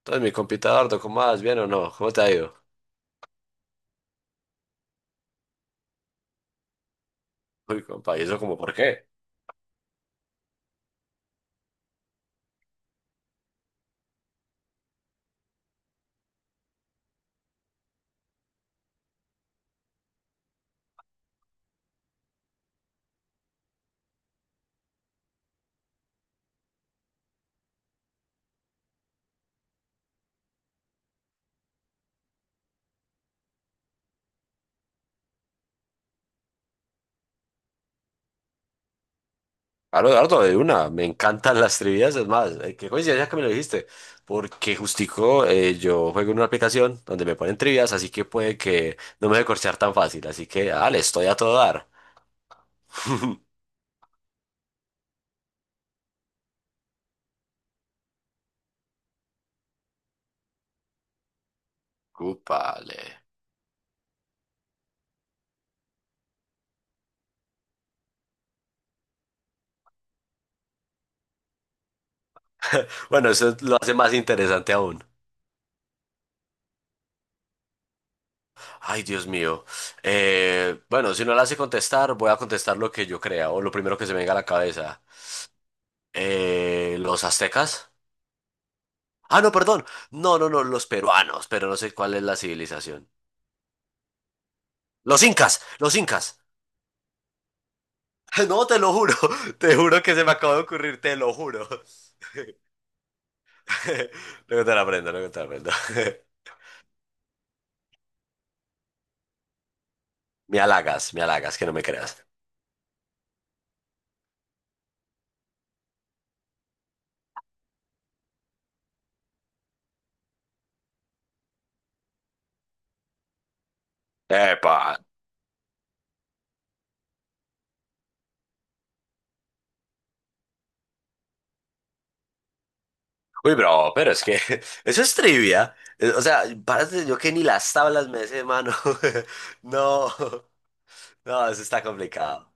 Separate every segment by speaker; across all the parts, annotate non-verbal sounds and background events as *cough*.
Speaker 1: Entonces, mi compita Dardo, ¿cómo vas? ¿Bien o no? ¿Cómo te ha ido? Uy, compa, ¿y eso como por qué? Claro, Dardo, de una, me encantan las trivias, es más, qué coincidencia que me lo dijiste, porque justico yo juego en una aplicación donde me ponen trivias, así que puede que no me deje corchear tan fácil, así que, dale, estoy a todo dar. *laughs* Cúpale. Bueno, eso lo hace más interesante aún. Ay, Dios mío. Bueno, si no la hace contestar, voy a contestar lo que yo crea o lo primero que se me venga a la cabeza. ¿Los aztecas? Ah, no, perdón. No, no, no, los peruanos, pero no sé cuál es la civilización. Los incas, los incas. *laughs* No, te lo juro, *laughs* te juro que se me acaba de ocurrir, te lo juro. *laughs* Luego te la aprendo, luego te la aprendo. *laughs* Me halagas, que no me creas. Epa. Uy, bro, pero es que *laughs* eso es trivia. O sea, párate, yo que ni las tablas me sé, mano. *laughs* No, no, eso está complicado.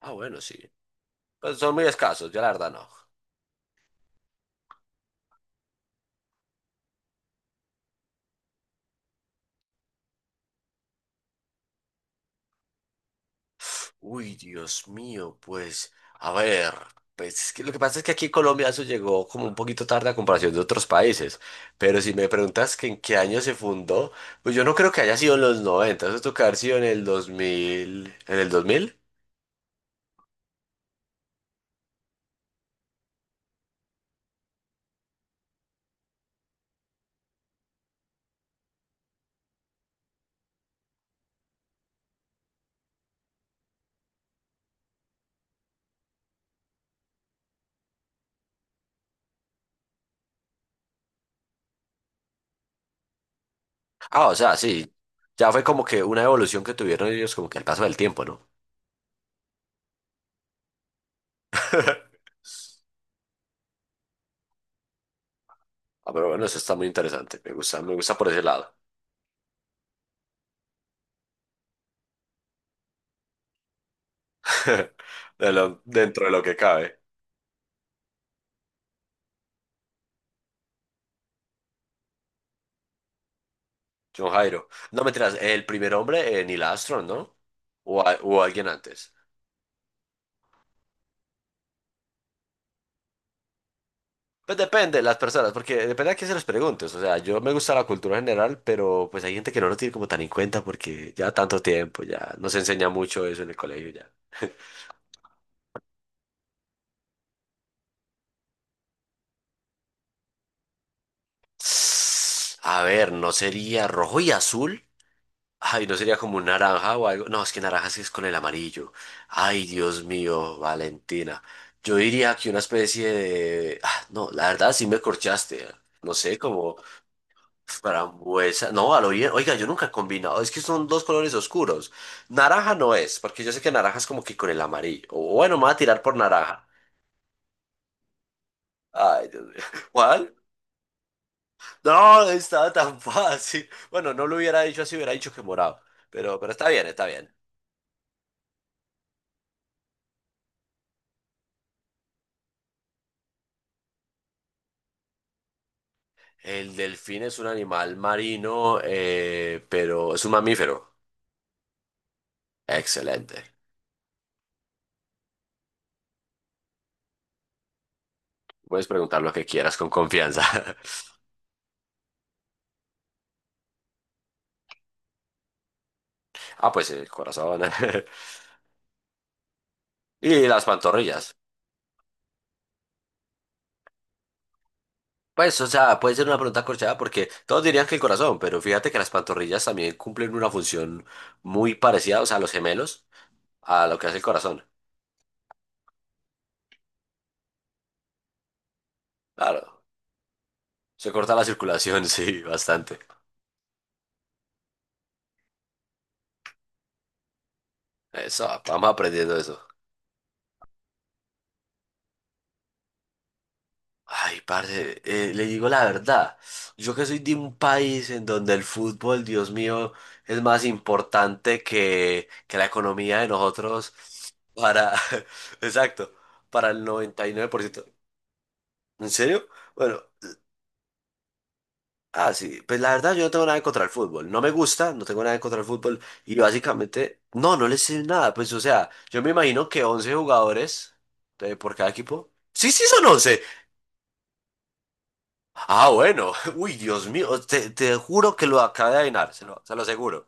Speaker 1: Ah, bueno, sí. Pues son muy escasos, yo la verdad no. Uy, Dios mío, pues, a ver, pues es que lo que pasa es que aquí en Colombia eso llegó como un poquito tarde a comparación de otros países, pero si me preguntas que en qué año se fundó, pues yo no creo que haya sido en los 90, eso tuvo que haber sido en el 2000, ¿en el 2000? Ah, o sea, sí, ya fue como que una evolución que tuvieron ellos como que al paso del tiempo, ¿no? *laughs* Ah, pero bueno, eso está muy interesante, me gusta por ese lado, *laughs* dentro de lo que cabe. John Jairo. No me tiras, el primer hombre, Neil Armstrong, ¿no? O, o alguien antes. Pues depende, de las personas, porque depende a quién se les preguntes. O sea, yo me gusta la cultura general, pero pues hay gente que no lo tiene como tan en cuenta porque ya tanto tiempo, ya no se enseña mucho eso en el colegio ya. A ver, ¿no sería rojo y azul? Ay, ¿no sería como un naranja o algo? No, es que naranja sí es con el amarillo. Ay, Dios mío, Valentina. Yo diría que una especie de, ah, no, la verdad sí me corchaste. ¿Eh? No sé, como. Frambuesa, no, a lo bien. Oiga, yo nunca he combinado. Es que son dos colores oscuros. Naranja no es, porque yo sé que naranja es como que con el amarillo. O bueno, me voy a tirar por naranja. Ay, Dios mío. *laughs* ¿Cuál? No, estaba tan *laughs* fácil. Bueno, no lo hubiera dicho así, hubiera dicho que morado. Pero está bien, está bien. El delfín es un animal marino, pero es un mamífero. Excelente. Puedes preguntar lo que quieras con confianza. *laughs* Ah, pues el corazón. *laughs* Y las pantorrillas. Pues, o sea, puede ser una pregunta corchada porque todos dirían que el corazón, pero fíjate que las pantorrillas también cumplen una función muy parecida, o sea, los gemelos, a lo que hace el corazón. Claro, se corta la circulación, *laughs* sí, bastante. Eso, vamos aprendiendo eso. Ay, parce, le digo la verdad, yo que soy de un país en donde el fútbol, Dios mío, es más importante que la economía de nosotros para, *laughs* exacto, para el 99%. ¿En serio? Bueno, ah, sí, pues la verdad yo no tengo nada en contra el fútbol, no me gusta, no tengo nada en contra el fútbol y básicamente, no, no les sé nada, pues o sea, yo me imagino que 11 jugadores por cada equipo, sí, sí son 11, ah, bueno, *laughs* uy, Dios mío, te juro que lo acabo de adivinar, se lo aseguro.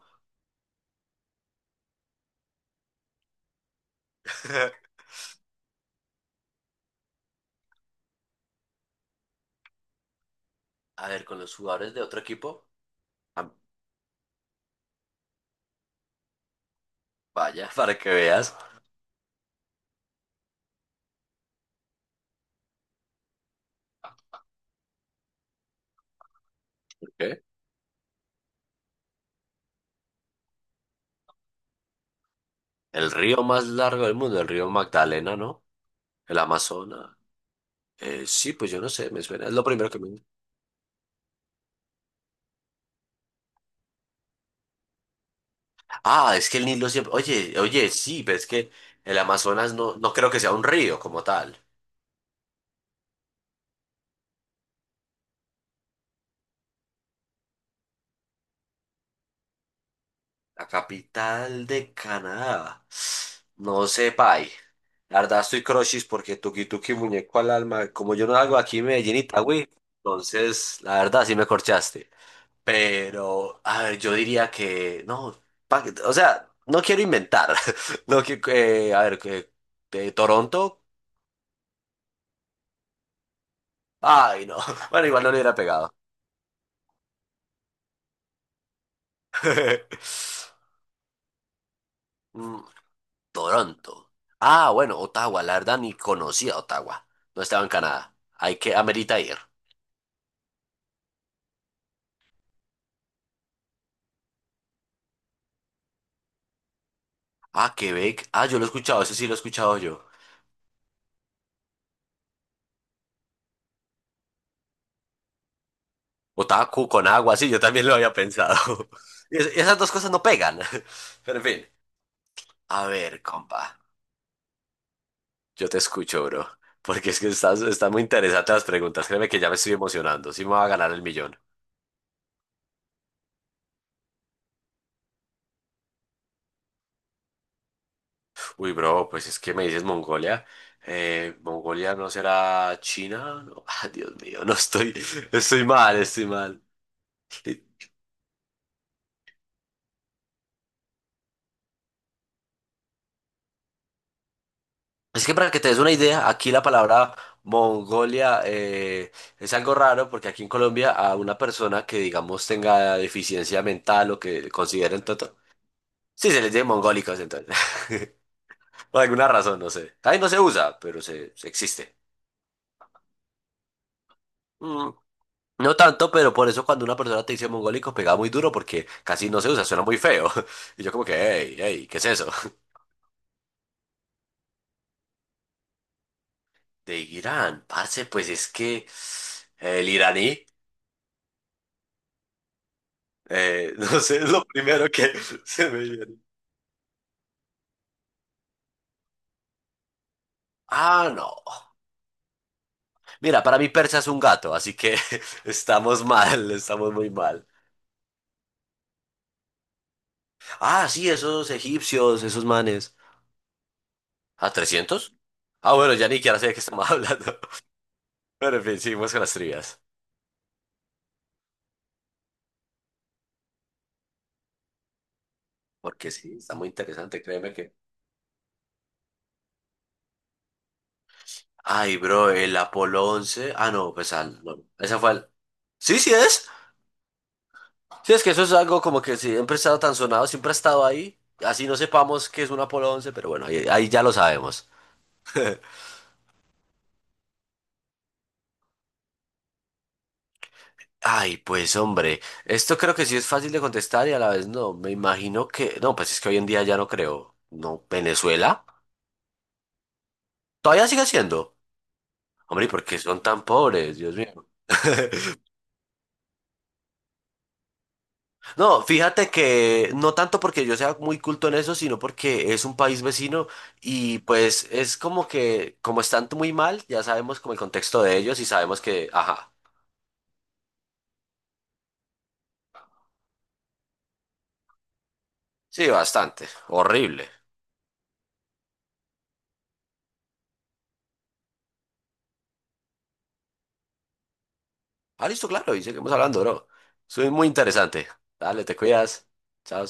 Speaker 1: *laughs* A ver, con los jugadores de otro equipo, ah, vaya, *laughs* para que veas. ¿Qué? El río más largo del mundo, el río Magdalena, ¿no? El Amazonas. Sí, pues yo no sé, me suena, es lo primero que me. Ah, es que el Nilo siempre. Oye, oye, sí, pero es que el Amazonas no, no creo que sea un río como tal. La capital de Canadá. No sé, pay. La verdad estoy crochis porque tuki tuki muñeco al alma. Como yo no salgo aquí en Medellín Itagüí, entonces la verdad sí me corchaste. Pero, a ver, yo diría que. No, o sea, no quiero inventar. *laughs* No, que, a ver, que. De Toronto. Ay, no. *laughs* Bueno, igual no le hubiera pegado. *laughs* Mm, Toronto. Ah, bueno, Ottawa, la verdad ni conocía Ottawa. No estaba en Canadá. Hay que, amerita ir. Ah, Quebec. Ah, yo lo he escuchado, ese sí lo he escuchado yo. Otaku con agua, sí, yo también lo había pensado. *laughs* Y esas dos cosas no pegan. *laughs* Pero en fin. A ver, compa. Yo te escucho, bro. Porque es que estás, están muy interesantes las preguntas. Créeme que ya me estoy emocionando. Sí me va a ganar el millón. Uy, bro, pues es que me dices Mongolia. ¿Mongolia no será China? No. *laughs* Ah, Dios mío, no estoy mal, estoy mal. Es que para que te des una idea, aquí la palabra Mongolia es algo raro porque aquí en Colombia a una persona que digamos tenga deficiencia mental o que consideren toto, sí se les dice mongólicos entonces, *laughs* por alguna razón, no sé. Ahí no se usa, pero se existe. Mm. No tanto, pero por eso cuando una persona te dice mongólico pegaba muy duro porque casi no se usa, suena muy feo. *laughs* Y yo como que, hey, hey, ¿qué es eso? *laughs* De Irán, parce, pues es que el iraní, *laughs* no sé, es lo primero que *laughs* se me viene. Ah, no. Mira, para mí persa es un gato, así que *laughs* estamos mal, estamos muy mal. Ah, sí, esos egipcios, esos manes. ¿A 300? Ah, bueno, ya ni siquiera sé de qué estamos *laughs* hablando. Pero en fin, seguimos con las trivias. Porque sí, está muy interesante, créeme que. Ay, bro, el Apolo 11. Ah, no, pues al, no. Esa fue al. Sí, sí es. Sí, es que eso es algo como que siempre ha estado tan sonado, siempre ha estado ahí. Así no sepamos que es un Apolo 11, pero bueno, ahí, ahí ya lo sabemos. *laughs* Ay, pues hombre, esto creo que sí es fácil de contestar y a la vez no. Me imagino que. No, pues es que hoy en día ya no creo. No, Venezuela. Todavía sigue siendo. Hombre, ¿y por qué son tan pobres? Dios mío. *laughs* No, fíjate que no tanto porque yo sea muy culto en eso, sino porque es un país vecino y pues es como que, como están muy mal, ya sabemos como el contexto de ellos y sabemos que, ajá, sí, bastante, horrible. Ah, listo, claro, y seguimos hablando, bro. Soy muy interesante. Dale, te cuidas. Chao.